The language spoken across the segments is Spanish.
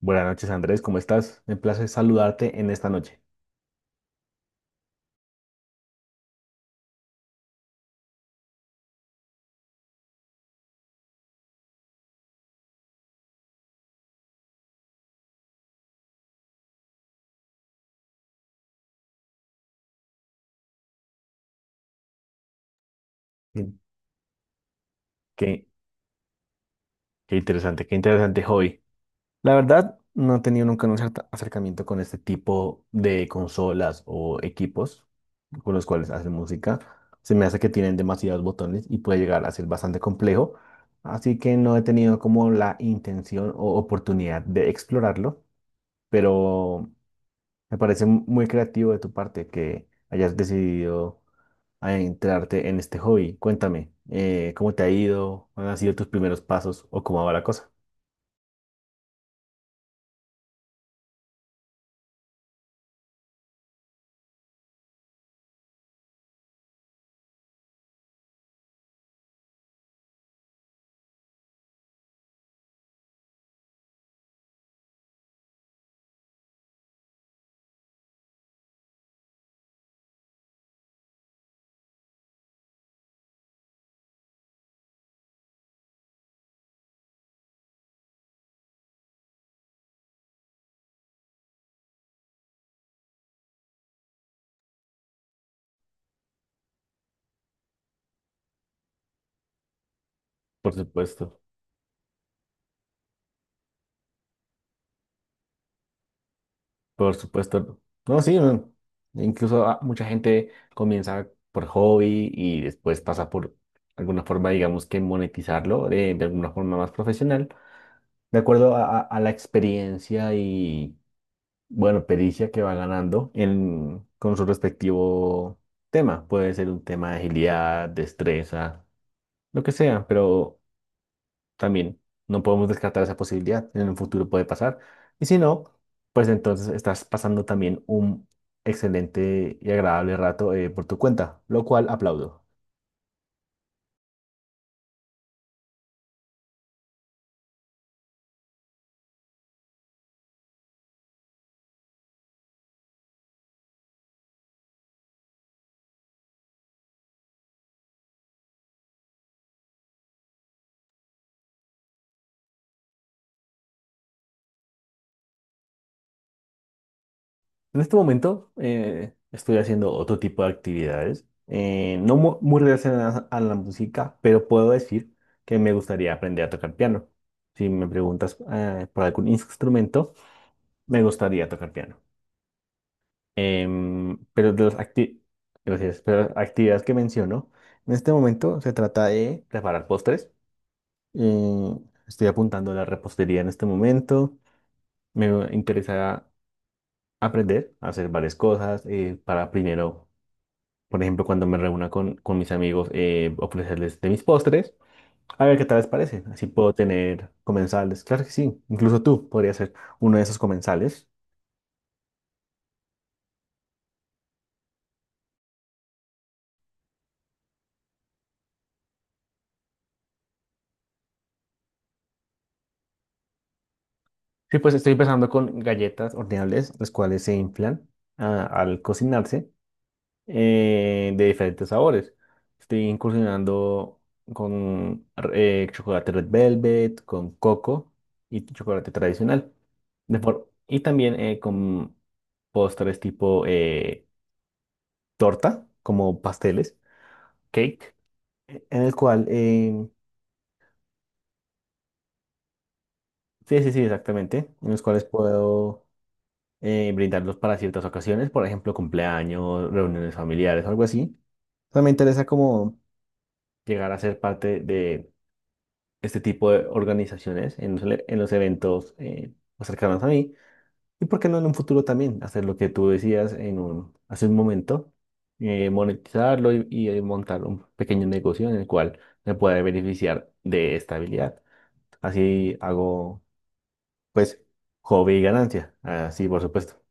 Buenas noches, Andrés, ¿cómo estás? Me place saludarte en esta noche. Mm, Qué, qué interesante hobby. La verdad, no he tenido nunca un acercamiento con este tipo de consolas o equipos con los cuales hacen música. Se me hace que tienen demasiados botones y puede llegar a ser bastante complejo. Así que no he tenido como la intención o oportunidad de explorarlo, pero me parece muy creativo de tu parte que hayas decidido a entrarte en este hobby. Cuéntame, ¿cómo te ha ido? ¿Cuáles han sido tus primeros pasos o cómo va la cosa? Por supuesto, por supuesto. No, sí, no. Incluso mucha gente comienza por hobby y después pasa por alguna forma, digamos que monetizarlo de alguna forma más profesional, de acuerdo a la experiencia y, bueno, pericia que va ganando en, con su respectivo tema. Puede ser un tema de agilidad, destreza, lo que sea, pero también no podemos descartar esa posibilidad. En el futuro puede pasar. Y si no, pues entonces estás pasando también un excelente y agradable rato por tu cuenta, lo cual aplaudo. En este momento estoy haciendo otro tipo de actividades, no muy relacionadas a la música, pero puedo decir que me gustaría aprender a tocar piano. Si me preguntas por algún instrumento, me gustaría tocar piano. Pero de las gracias, pero las actividades que menciono, en este momento se trata de preparar postres. Eh, estoy apuntando a la repostería en este momento. Me interesa aprender a hacer varias cosas para primero, por ejemplo, cuando me reúna con mis amigos, ofrecerles de mis postres. A ver qué tal les parece. Así puedo tener comensales. Claro que sí. Incluso tú podrías ser uno de esos comensales. Sí, pues estoy empezando con galletas horneables, las cuales se inflan al cocinarse de diferentes sabores. Estoy incursionando con chocolate red velvet, con coco y chocolate tradicional. Y también con postres tipo torta, como pasteles, cake, e, en el cual, sí, sí, sí, exactamente, en los cuales puedo brindarlos para ciertas ocasiones, por ejemplo, cumpleaños, reuniones familiares o algo así. O sea, me interesa como llegar a ser parte de este tipo de organizaciones en en los eventos más cercanos a mí. Y por qué no en un futuro también hacer lo que tú decías en un, hace un momento, monetizarlo montar un pequeño negocio en el cual me pueda beneficiar de esta habilidad. Así hago, pues, hobby y ganancia. Así, por supuesto.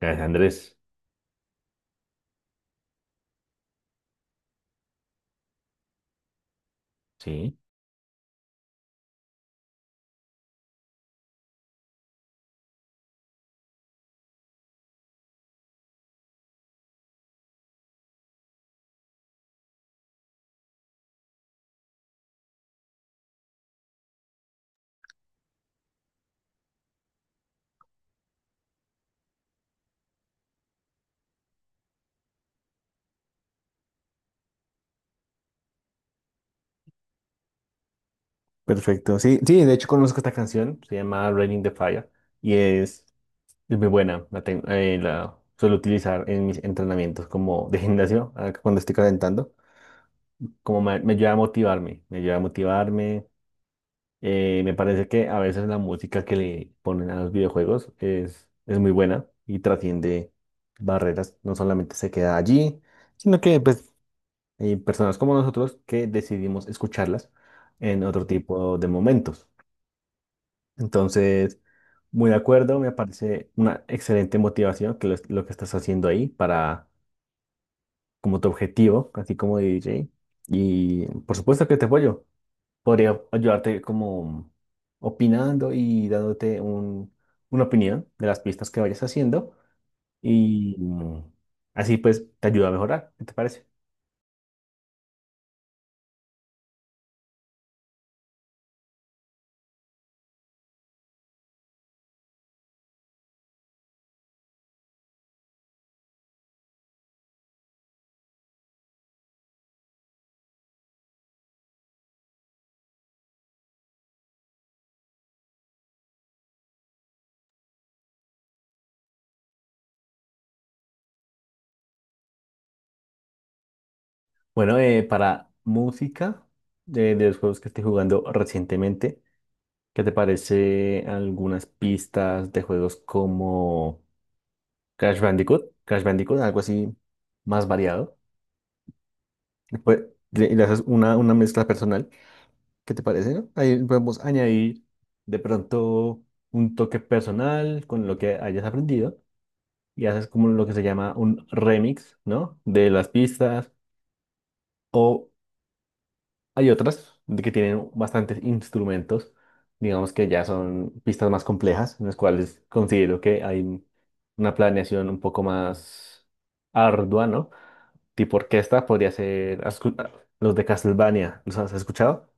Gracias, Andrés. Sí. Perfecto. Sí, sí, de hecho conozco esta canción, se llama Raining the Fire y es muy buena. La suelo utilizar en mis entrenamientos como de gimnasio, cuando estoy calentando, como me ayuda a motivarme, me ayuda a motivarme. Me parece que a veces la música que le ponen a los videojuegos es muy buena y trasciende barreras, no solamente se queda allí, sino que pues, hay personas como nosotros que decidimos escucharlas en otro tipo de momentos. Entonces, muy de acuerdo, me parece una excelente motivación que lo que estás haciendo ahí para como tu objetivo, así como DJ. Y por supuesto que te apoyo. Podría ayudarte como opinando y dándote un, una opinión de las pistas que vayas haciendo y así pues te ayuda a mejorar, ¿qué te parece? Bueno, para música de los juegos que estoy jugando recientemente. ¿Qué te parece algunas pistas de juegos como Crash Bandicoot? Crash Bandicoot, algo así más variado. Después le haces una mezcla personal. ¿Qué te parece, no? Ahí podemos añadir de pronto un toque personal con lo que hayas aprendido y haces como lo que se llama un remix, ¿no? De las pistas o hay otras de que tienen bastantes instrumentos, digamos que ya son pistas más complejas, en las cuales considero que hay una planeación un poco más ardua, ¿no? Tipo orquesta podría ser los de Castlevania, ¿los has escuchado?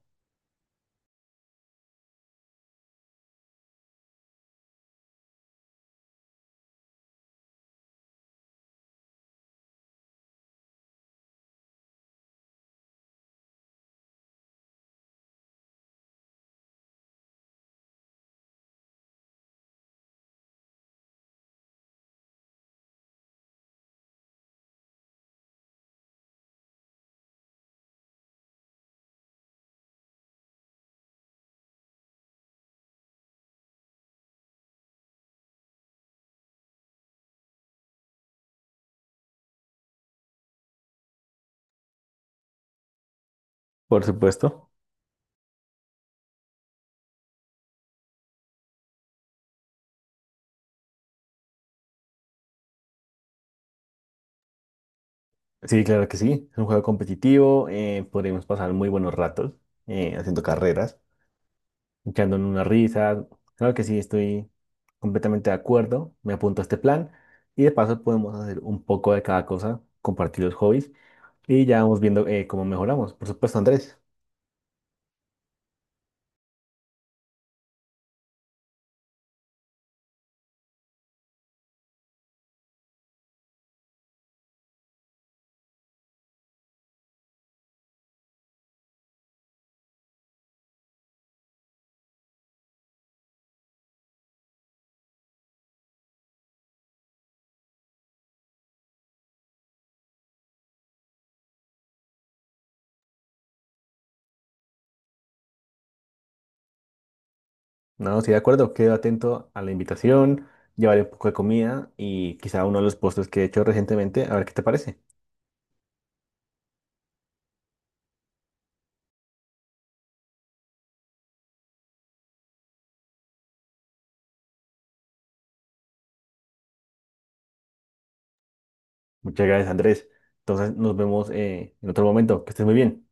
Por supuesto. Sí, claro que sí. Es un juego competitivo, podríamos pasar muy buenos ratos haciendo carreras. Echando en una risa. Claro que sí, estoy completamente de acuerdo. Me apunto a este plan. Y de paso podemos hacer un poco de cada cosa, compartir los hobbies y ya vamos viendo cómo mejoramos. Por supuesto, Andrés. No, sí, de acuerdo. Quedo atento a la invitación, llevaré un poco de comida y quizá uno de los postres que he hecho recientemente. A ver qué te parece. Muchas gracias, Andrés. Entonces nos vemos en otro momento. Que estés muy bien.